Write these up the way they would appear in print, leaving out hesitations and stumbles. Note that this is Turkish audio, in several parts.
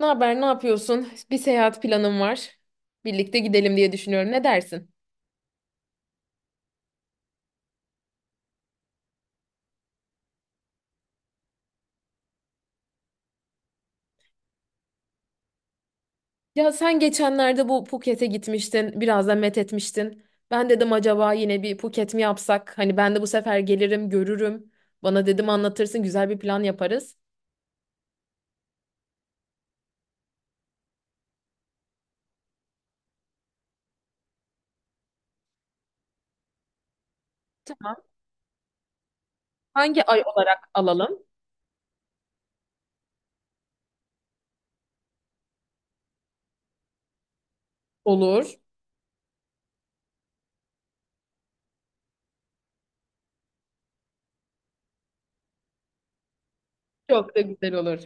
Ne haber, ne yapıyorsun? Bir seyahat planım var. Birlikte gidelim diye düşünüyorum. Ne dersin? Ya sen geçenlerde bu Phuket'e gitmiştin, biraz da met etmiştin. Ben dedim acaba yine bir Phuket mi yapsak? Hani ben de bu sefer gelirim, görürüm. Bana dedim anlatırsın, güzel bir plan yaparız. Tamam. Hangi ay olarak alalım? Olur. Çok da güzel olur.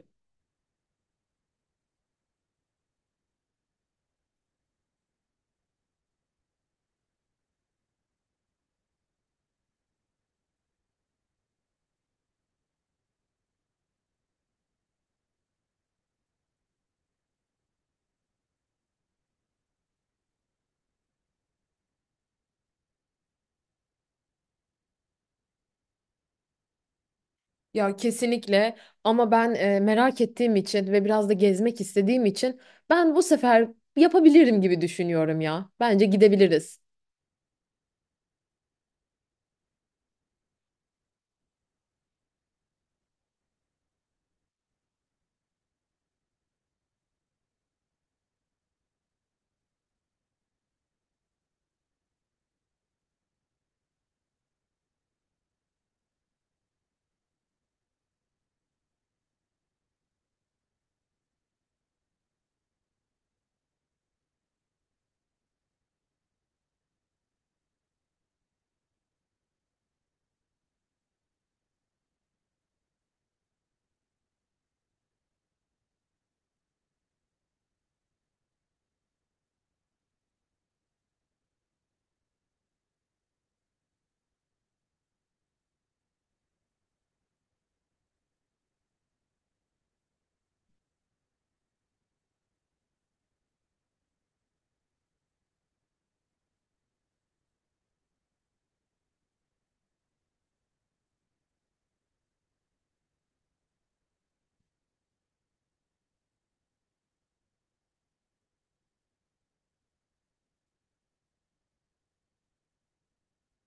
Ya kesinlikle, ama ben merak ettiğim için ve biraz da gezmek istediğim için ben bu sefer yapabilirim gibi düşünüyorum ya. Bence gidebiliriz.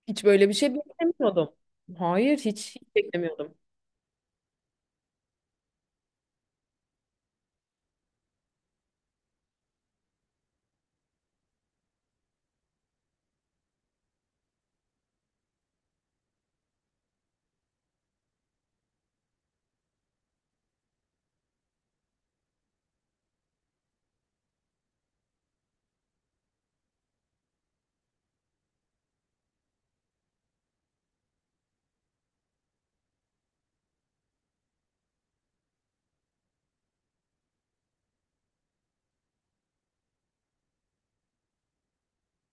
Hiç böyle bir şey beklemiyordum. Hayır, hiç, hiç beklemiyordum.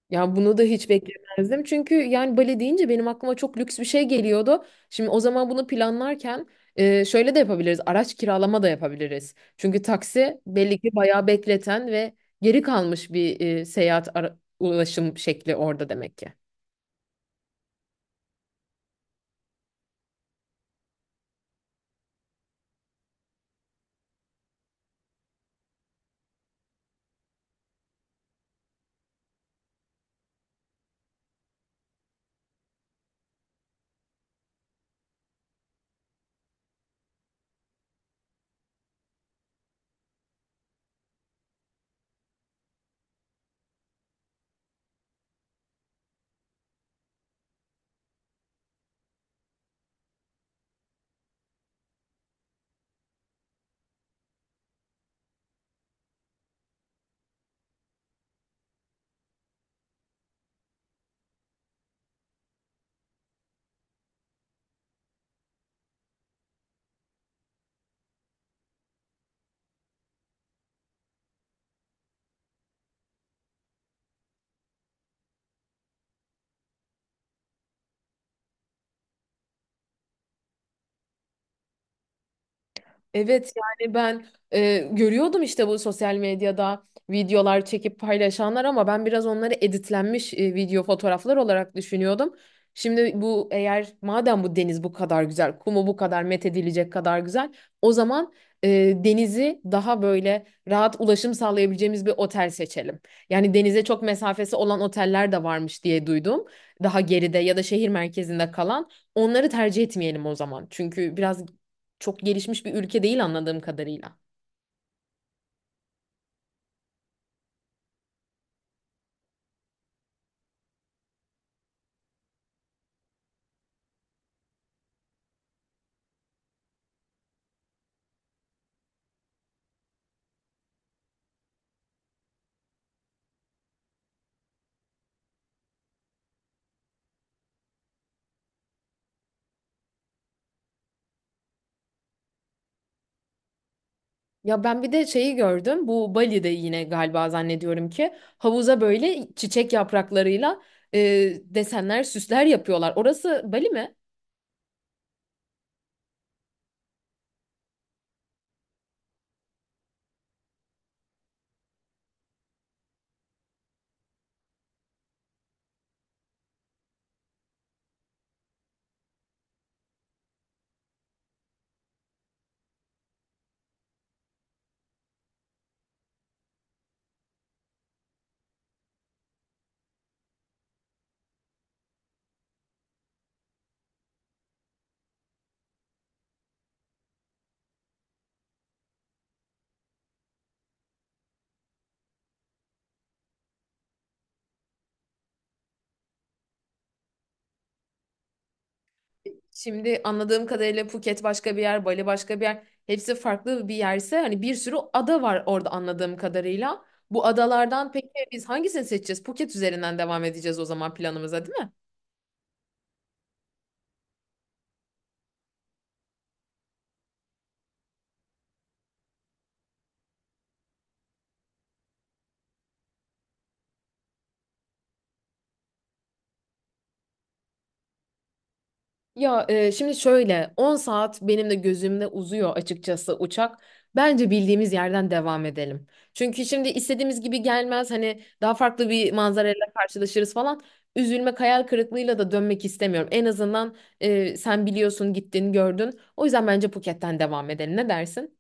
Ya bunu da hiç beklemezdim. Çünkü yani bale deyince benim aklıma çok lüks bir şey geliyordu. Şimdi o zaman bunu planlarken şöyle de yapabiliriz. Araç kiralama da yapabiliriz. Çünkü taksi belli ki bayağı bekleten ve geri kalmış bir seyahat ulaşım şekli orada demek ki. Evet yani ben görüyordum işte, bu sosyal medyada videolar çekip paylaşanlar, ama ben biraz onları editlenmiş video fotoğraflar olarak düşünüyordum. Şimdi bu, eğer madem bu deniz bu kadar güzel, kumu bu kadar methedilecek kadar güzel, o zaman e, denizi daha böyle rahat ulaşım sağlayabileceğimiz bir otel seçelim. Yani denize çok mesafesi olan oteller de varmış diye duydum. Daha geride ya da şehir merkezinde kalan onları tercih etmeyelim o zaman. Çünkü biraz çok gelişmiş bir ülke değil anladığım kadarıyla. Ya ben bir de şeyi gördüm. Bu Bali'de yine galiba, zannediyorum ki, havuza böyle çiçek yapraklarıyla e, desenler, süsler yapıyorlar. Orası Bali mi? Şimdi anladığım kadarıyla Phuket başka bir yer, Bali başka bir yer. Hepsi farklı bir yerse hani bir sürü ada var orada anladığım kadarıyla. Bu adalardan peki biz hangisini seçeceğiz? Phuket üzerinden devam edeceğiz o zaman planımıza, değil mi? Şimdi şöyle 10 saat benim de gözümde uzuyor açıkçası uçak. Bence bildiğimiz yerden devam edelim. Çünkü şimdi istediğimiz gibi gelmez, hani daha farklı bir manzarayla karşılaşırız falan. Üzülmek, hayal kırıklığıyla da dönmek istemiyorum. En azından sen biliyorsun, gittin gördün. O yüzden bence Phuket'ten devam edelim. Ne dersin?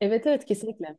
Evet, evet, kesinlikle.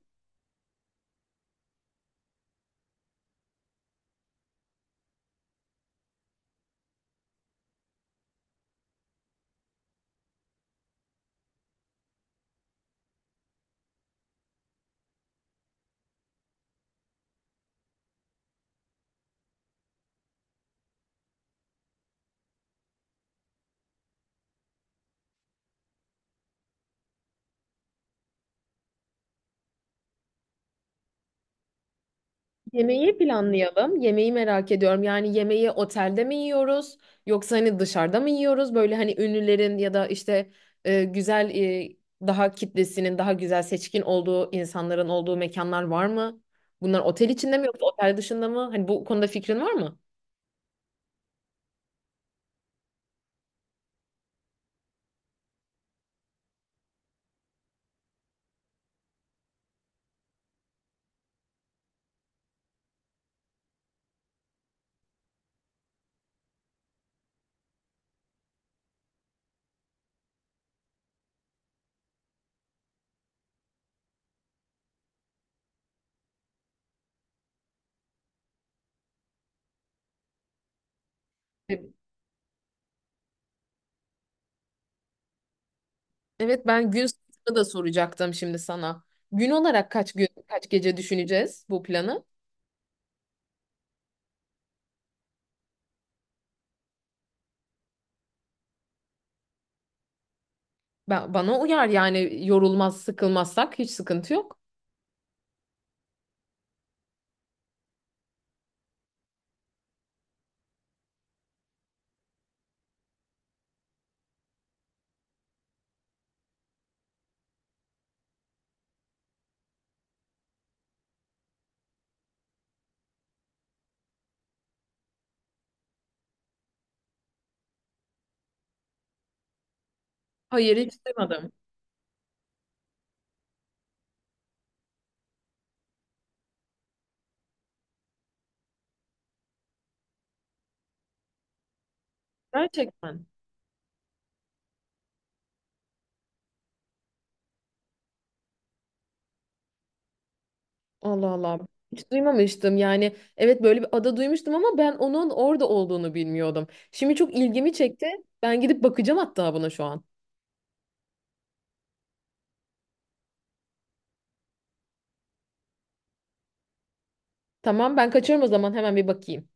Yemeği planlayalım. Yemeği merak ediyorum. Yani yemeği otelde mi yiyoruz yoksa hani dışarıda mı yiyoruz? Böyle hani ünlülerin ya da işte güzel, daha kitlesinin daha güzel, seçkin olduğu insanların olduğu mekanlar var mı? Bunlar otel içinde mi yoksa otel dışında mı? Hani bu konuda fikrin var mı? E, Evet, ben gün sayısını da soracaktım şimdi sana. Gün olarak kaç gün kaç gece düşüneceğiz bu planı? Ben, bana uyar yani, yorulmaz sıkılmazsak hiç sıkıntı yok. Hayır, hiç duymadım. Gerçekten. Allah Allah. Hiç duymamıştım. Yani evet, böyle bir ada duymuştum ama ben onun orada olduğunu bilmiyordum. Şimdi çok ilgimi çekti. Ben gidip bakacağım hatta buna şu an. Tamam, ben kaçıyorum o zaman, hemen bir bakayım.